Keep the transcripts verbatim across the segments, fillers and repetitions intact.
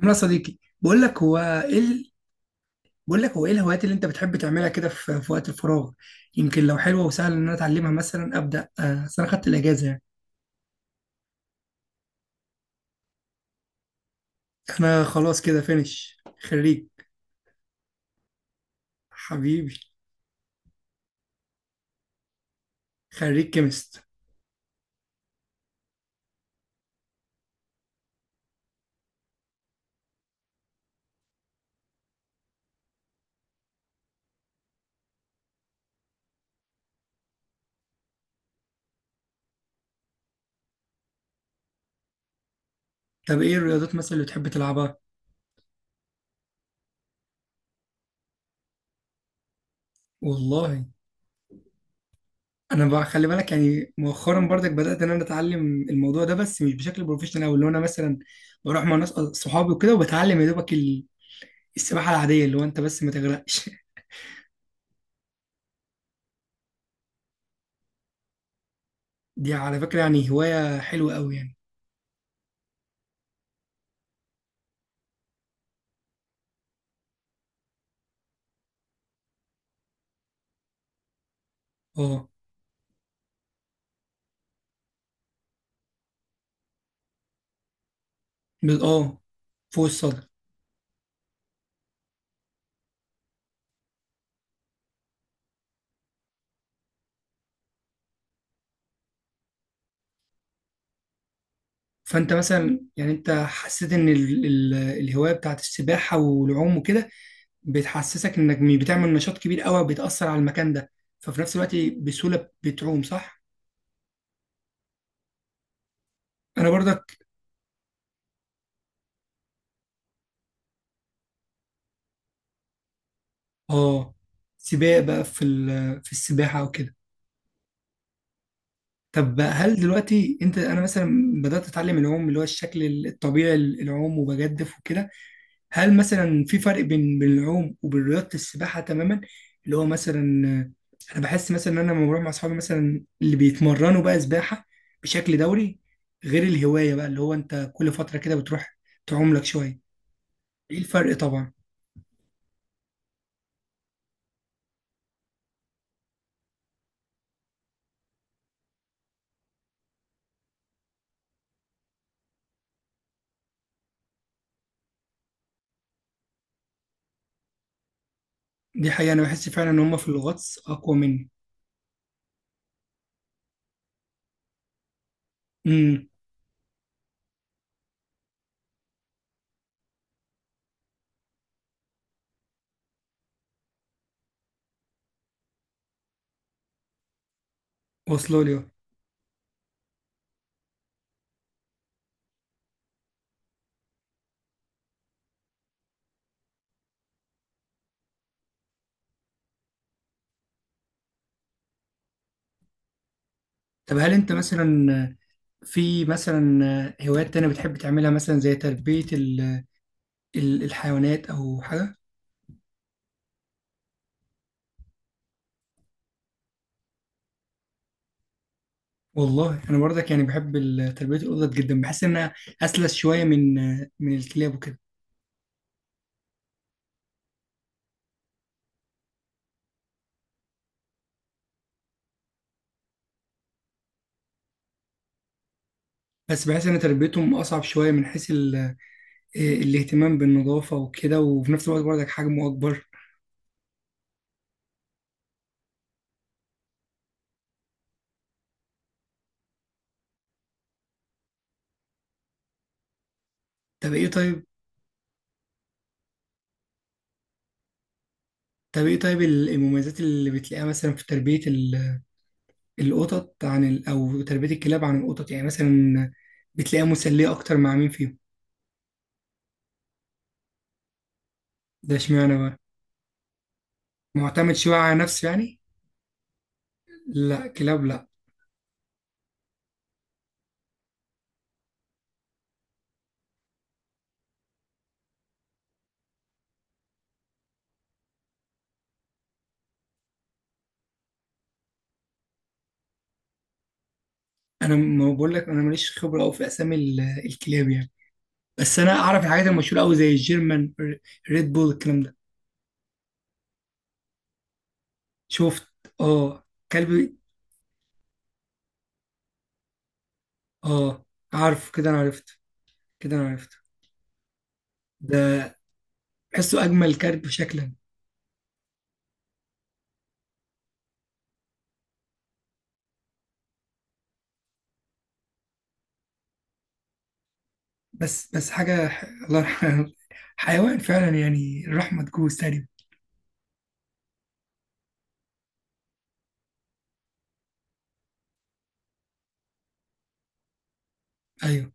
عمرو يا صديقي، بقول لك هو ايه ال... بقول لك هو ايه الهوايات اللي انت بتحب تعملها كده في... في وقت الفراغ. يمكن لو حلوه وسهل ان انا اتعلمها مثلا ابدا، آه، اصل انا خدت الاجازه يعني. انا خلاص كده فينش خريج. حبيبي. خريج كيمست. طب ايه الرياضات مثلا اللي بتحب تلعبها؟ والله، انا بقى خلي بالك يعني مؤخرا برضك بدات ان انا اتعلم الموضوع ده، بس مش بشكل بروفيشنال او اللي هو انا مثلا بروح مع ناس، آه، صحابي وكده وبتعلم يا دوبك ال- السباحه العاديه اللي هو انت بس ما تغرقش. دي على فكرة يعني هواية حلوة قوي يعني. اه ب- اه فوق الصدر. فانت مثلا يعني انت حسيت ان ال ال الهواية بتاعت السباحة والعوم وكده بتحسسك انك م- بتعمل نشاط كبير قوي بتأثر على المكان ده، ففي نفس الوقت بسهولة بتعوم، صح؟ انا برضك، اه سباق بقى في ال في السباحة وكده. طب بقى هل دلوقتي انت انا مثلا بدأت اتعلم العوم اللي هو الشكل الطبيعي للعوم وبجدف وكده. هل مثلا في فرق بين بين العوم وبين رياضة السباحة تماما؟ اللي هو مثلا، آه، انا بحس مثلا ان انا لما بروح مع اصحابي مثلا اللي بيتمرنوا بقى سباحة بشكل دوري، غير الهواية بقى اللي هو انت كل فترة كده بتروح تعوم لك شوية. ايه الفرق طبعا. دي حقيقة انا بحس فعلا ان هم في الغطس اقوى مني. امم واصله لي أهو. طب هل انت مثلا، آه، في مثلا، آه، هوايات تانية بتحب تعملها مثلا زي تربية ال- ال- الحيوانات او حاجة؟ والله انا برضك يعني بحب ال- تربيه القطط جدا، بحس انها اسلس شويه من من الكلاب وكده. بس بحس ان تربيتهم اصعب شويه من حيث ال- الاهتمام بالنظافه وكده، وفي نفس الوقت برضك حجمه اكبر. طب ايه طيب طب ايه طيب ال- المميزات اللي بتلاقيها مثلا في تربيه ال- القطط عن ال... او تربيه الكلاب عن القطط يعني مثلا، بتلاقيها مسليه اكتر مع مين فيهم؟ ده اشمعنى بقى؟ معتمد شويه على نفسه يعني. لا، كلاب لا. انا ما بقول لك انا ماليش خبره قوي في اسامي ال- الكلاب يعني، بس انا اعرف الحاجات المشهوره قوي زي الجيرمان، ر- ريد بول الكلام ده. شفت. اه. كلب. اه، عارف، كده انا عرفت كده انا عرفت ده بحسه اجمل كلب شكلا. بس بس حاجه ح- الله يرحمه حيوان فعلا يعني الرحمه تجوز تقريبا. ايوه،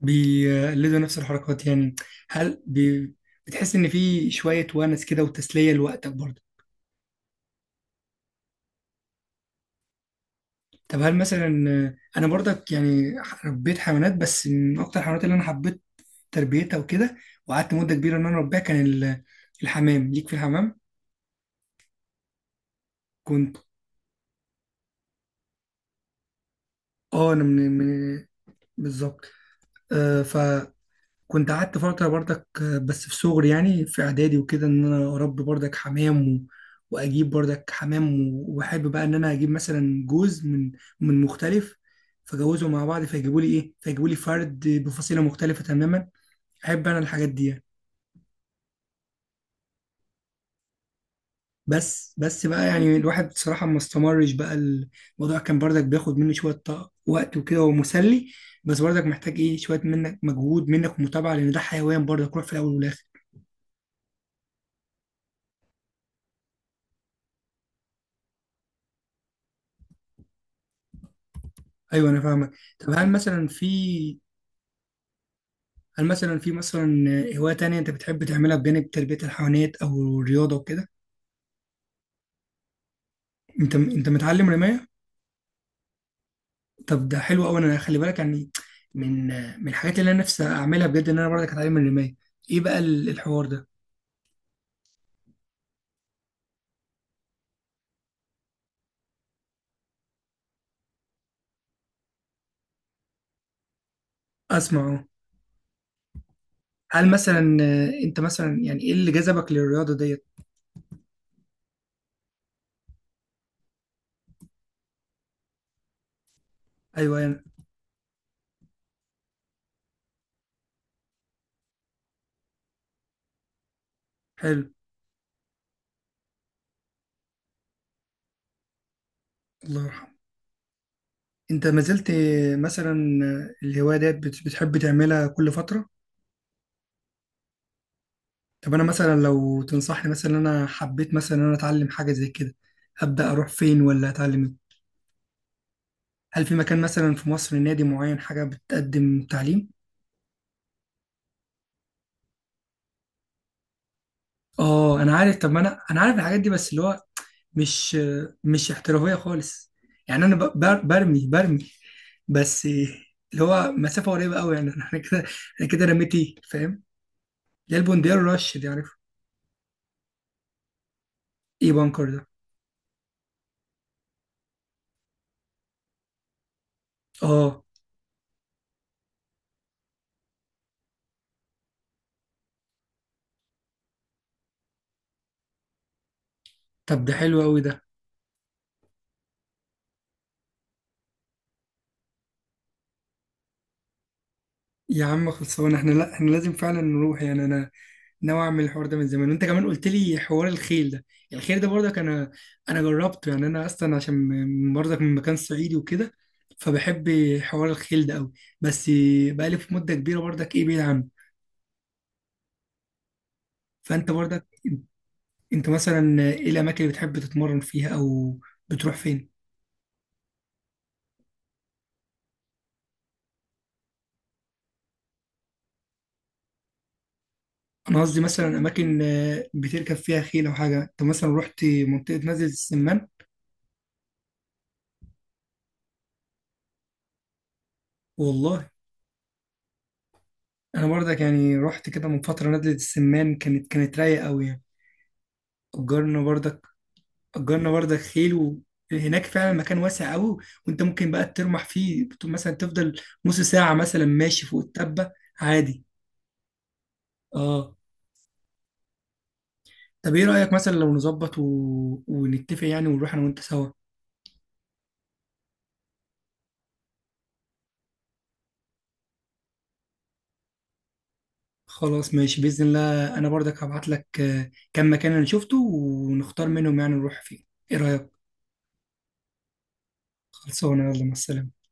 بيقلدوا نفس الحركات يعني. هل بي... بتحس ان في شويه ونس كده وتسليه لوقتك برضه؟ طب هل مثلا، انا برضك يعني ربيت حيوانات، بس من اكتر الحيوانات اللي انا حبيت تربيتها وكده وقعدت مده كبيره ان انا اربيها كان ال- الحمام. ليك في الحمام كنت. اه، انا من, من بالظبط. آه فكنت قعدت فتره برضك، آه، بس في صغري يعني في اعدادي وكده ان انا اربي برضك حمام و... واجيب برضك حمام و- واحب بقى ان انا اجيب مثلا جوز من من مختلف، فجوزهم مع بعض فيجيبوا لي ايه فيجيبوا لي فرد بفصيله مختلفه تماما. احب انا الحاجات دي يعني. بس بس بقى يعني الواحد بصراحة ما استمرش. بقى الموضوع كان برضك بياخد منه شوية ط- وقت وكده ومسلي، بس برضك محتاج ايه شوية منك، مجهود منك ومتابعة لأن ده حيوان برضك روح في الأول والآخر. أيوه أنا فاهمك. طب هل مثلا في هل مثلا في مثلا هواية تانية أنت بتحب تعملها بجانب تربية الحيوانات أو الرياضة وكده؟ أنت أنت متعلم رماية؟ طب ده حلو أوي، أنا خلي بالك يعني من من الحاجات اللي أنا نفسي أعملها بجد إن أنا برضك أتعلم الرماية. إيه بقى ال- الحوار ده؟ أسمع أهو. هل مثلا، آه، انت مثلا يعني ايه اللي جذبك للرياضه ديت؟ ايوه يعني. حلو. الله يرحمه. انت ما زلت، آه، مثلا، آه، الهوايه ديت بت- بتحب تعملها كل فتره؟ طب انا مثلا لو تنصحني مثلا إن انا حبيت مثلا ان انا اتعلم حاجه زي كده، ابدا اروح فين ولا اتعلم إيه؟ هل في مكان مثلا في مصر، نادي معين، حاجه بتقدم تعليم؟ اه انا عارف. طب ما انا انا عارف الحاجات دي بس اللي هو مش آه، مش احترافيه خالص يعني. انا ب- بر- برمي برمي، بس اللي هو مسافه قريبه قوي يعني. احنا كده احنا كده رميتي فاهم. ده البوندير رش، دي عارف. ايه بانكر ده؟ اه، طب ده حلو قوي ده. يا عم خلصان، احنا لا، احنا لازم فعلا نروح يعني. انا ناوي اعمل الحوار ده من زمان، وانت كمان قلت لي حوار الخيل ده. الخيل ده برضك، انا انا جربته يعني، انا اصلا عشان م- برضك من مكان صعيدي وكده، فبحب حوار الخيل ده قوي. بس بقالي في مده كبيره برضك ايه بعيد عنه. فانت برضك انت مثلا ايه الاماكن اللي بتحب تتمرن فيها او بتروح فين؟ انا قصدي مثلا اماكن، آه، بتركب فيها خيل او حاجه. انت مثلا رحت منطقه نزلة السمان؟ والله انا برضك يعني رحت كده من فتره نزلة السمان، كانت كانت رايقه قوي يعني. اجرنا برضك اجرنا برضك خيل و... هناك فعلا مكان واسع قوي، وانت ممكن بقى ترمح فيه بت- مثلا تفضل نص ساعه مثلا ماشي فوق التبه عادي. اه، طب ايه رايك مثلا لو نظبط و... ونتفق يعني ونروح انا وانت سوا؟ خلاص ماشي بإذن الله. أنا برضك هبعت لك، آه، كم مكان أنا شفته ونختار منهم يعني نروح فين. إيه رأيك؟ خلصانة، يلا مع السلامة.